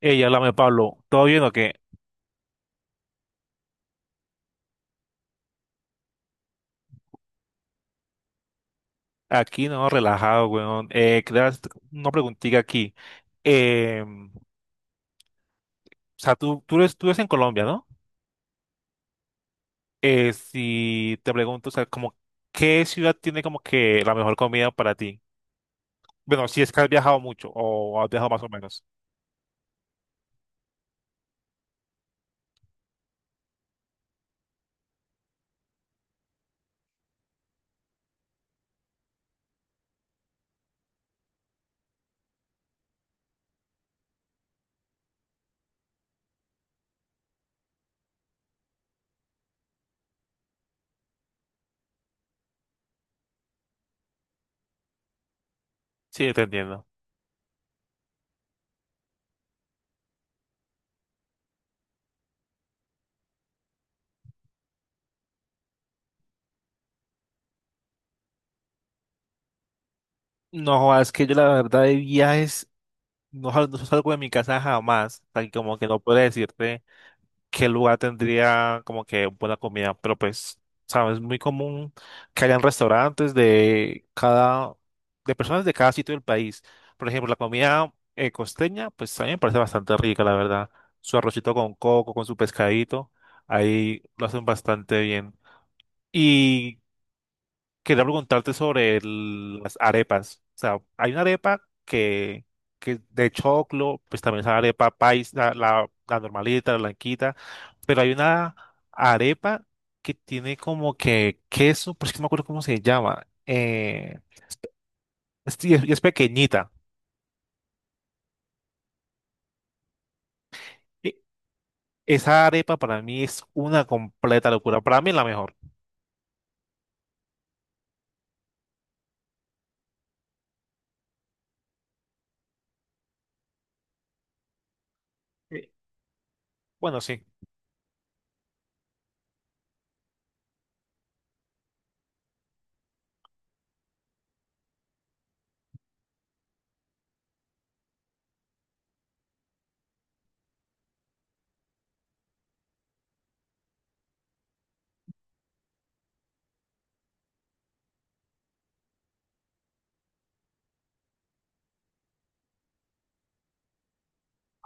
Ey, háblame, Pablo. ¿Todo bien o qué? Aquí no, relajado, weón. Quería hacer una preguntita aquí. O sea, tú eres en Colombia, ¿no? Si te pregunto, o sea, como, ¿qué ciudad tiene como que la mejor comida para ti? Bueno, si es que has viajado mucho o has viajado más o menos. Sí, te entiendo. No, es que yo la verdad de viajes no salgo de mi casa jamás. O sea, que como que no puedo decirte qué lugar tendría como que buena comida, pero pues, sabes, es muy común que hayan de personas de cada sitio del país. Por ejemplo, la comida costeña, pues a mí me parece bastante rica, la verdad. Su arrocito con coco, con su pescadito, ahí lo hacen bastante bien. Y quería preguntarte sobre las arepas. O sea, hay que de choclo, pues también es la arepa paisa, la normalita, la blanquita, pero hay una arepa que tiene como que queso, pues que no me acuerdo cómo se llama. Y es, y es pequeñita. E- Esa arepa para mí es una completa locura. Para mí es la mejor. Eh, Bueno, sí.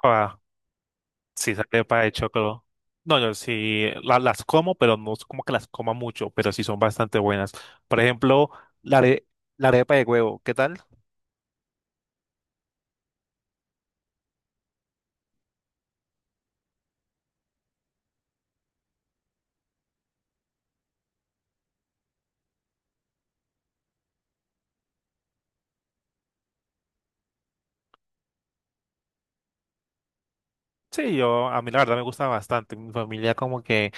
Ah, sí, sale para de choclo. No, yo las como, pero no es como que las coma mucho, pero sí son bastante buenas. Por ejemplo, la, are- la arepa de huevo, ¿qué tal? Sí, a mí la verdad me gusta bastante. Mi familia como que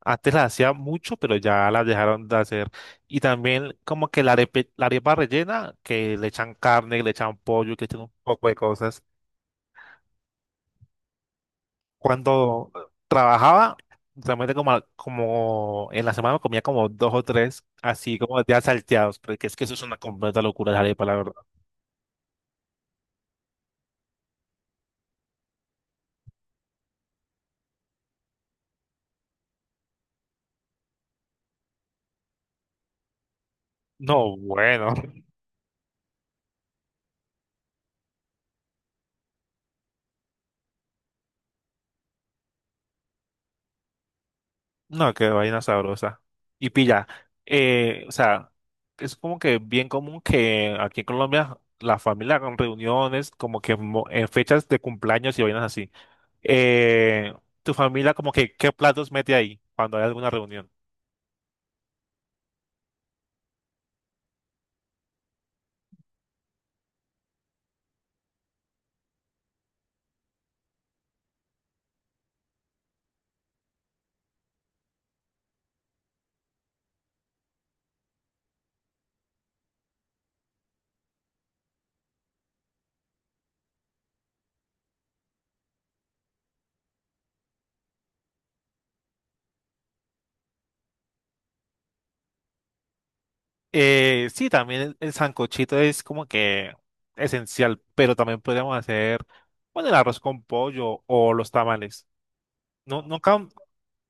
antes la hacía mucho, pero ya la dejaron de hacer. Y también como que la arepa rellena, que le echan carne, que le echan pollo, que le echan un poco de cosas. Cuando trabajaba, realmente como en la semana comía como dos o tres, así como de salteados porque es que eso es una completa locura, dejaré para la verdad. No, bueno, no, qué vaina sabrosa. Y pilla, o sea, es como que bien común que aquí en Colombia la familia con reuniones, como que en fechas de cumpleaños y vainas así. Eh, Tu familia como que, ¿qué platos mete ahí cuando hay alguna reunión? Sí, también el sancochito es como que esencial, pero también podríamos hacer, bueno, el arroz con pollo o los tamales. No, nunca,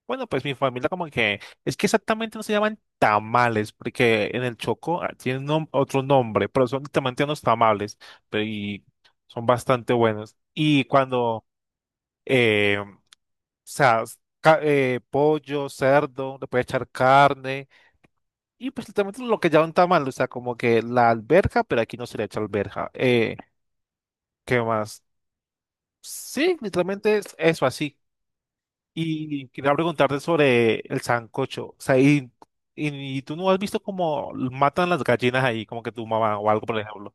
bueno, pues mi familia como que, es que exactamente no se llaman tamales, porque en el Choco ah, otro nombre, pero son literalmente unos tamales, pero y son bastante buenos. Y cuando, eh, o sea, pollo, cerdo, le puede echar carne y pues literalmente lo que llaman tamal, o sea, como que la alberja, pero aquí no se le echa alberja. ¿Qué más? Sí, literalmente es eso así. Y quería preguntarte sobre el sancocho. O sea, y tú no has visto cómo matan las gallinas ahí, como que tu mamá o algo, por ejemplo.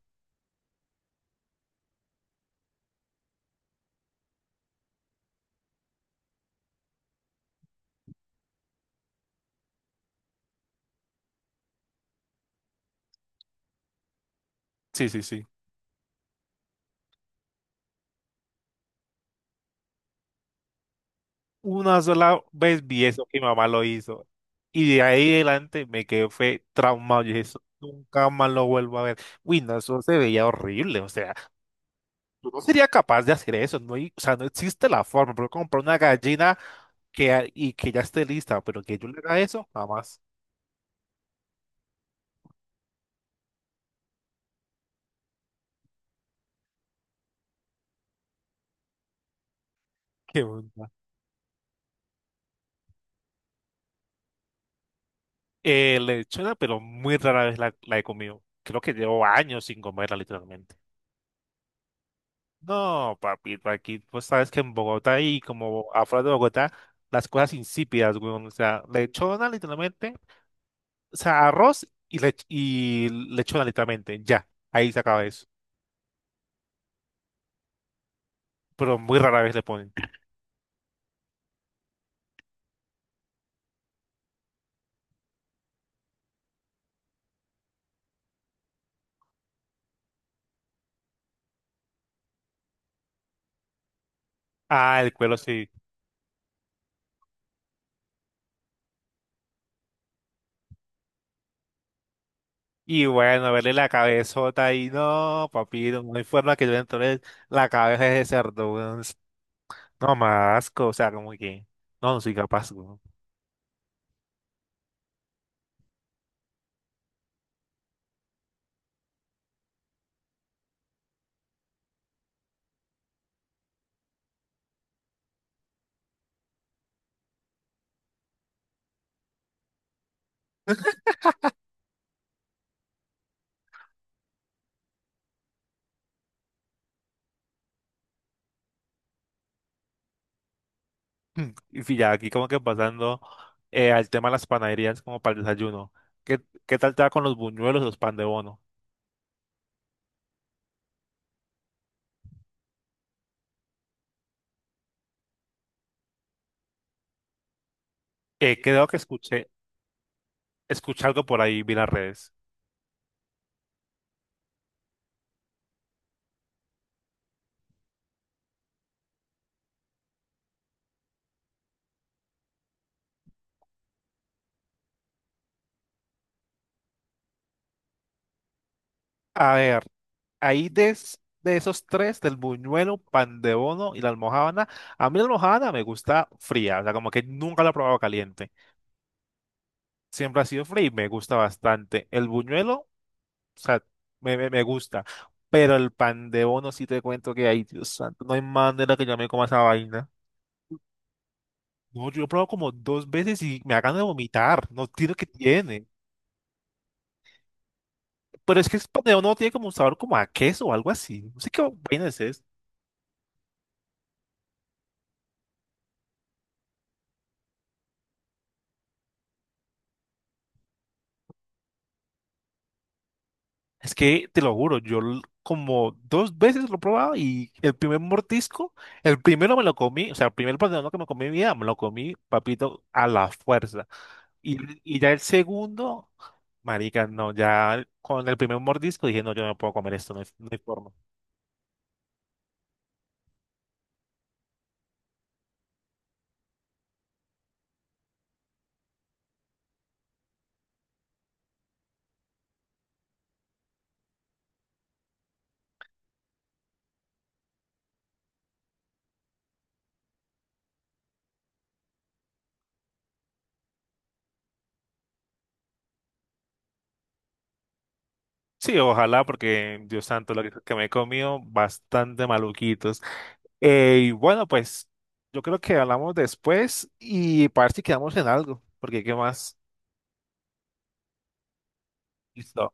Sí, sí, sí. Una sola vez vi eso que mi mamá lo hizo. Y de ahí adelante me quedé, fue traumado. Y eso nunca más lo vuelvo a ver. Uy, no, eso se veía horrible. O sea, yo no sería capaz de hacer eso, o sea, no existe la forma, pero comprar una gallina y que ya esté lista, pero que yo le haga eso, jamás. Qué onda. Lechona, pero muy rara vez la he comido. Creo que llevo años sin comerla, literalmente. No, papito, aquí, pues sabes que en Bogotá y como afuera de Bogotá, las cosas insípidas, weón. O sea, lechona, literalmente. O sea, arroz y, lech- y lechona, literalmente. Ya, ahí se acaba eso. Pero muy rara vez le ponen. Ah, el cuero sí. Y bueno, verle la cabezota ahí, no, papito, no hay forma que yo le entre la cabeza de ese cerdo, weón. No, más asco, o sea, como que, no, no soy capaz, weón. Y ya aquí como que pasando al tema de las panaderías como para el desayuno. ¿Qué, ¿Qué tal te va con los buñuelos, los pan de bono? Eh, creo que escuché, Escuché algo por ahí, vi las redes. A ver, de esos tres, del buñuelo, pan de bono y la almojábana, a mí la almojábana me gusta fría, o sea, como que nunca la he probado caliente. Siempre ha sido free, me gusta bastante. El buñuelo, o sea, me gusta, pero el pan de bono sí te cuento que hay, Dios santo, no hay manera que yo me coma esa vaina. No, yo he probado como dos veces y me hagan de vomitar, no tiene que tiene. Pero es que el pan de bono no tiene como un sabor como a queso o algo así, no sé qué vaina es esa. Es que te lo juro, como dos veces lo he probado y el primer mordisco, el primero me lo comí, o sea, el primer pan de bono que me comí en mi vida, me lo comí, papito, a la fuerza. Y, y ya el segundo, marica, no, ya con el primer mordisco dije, no, yo no puedo comer esto, no hay forma. Sí, ojalá, porque Dios santo, que me he comido, bastante maluquitos. Y bueno, pues yo creo que hablamos después y para ver si quedamos en algo, porque ¿qué más? Listo.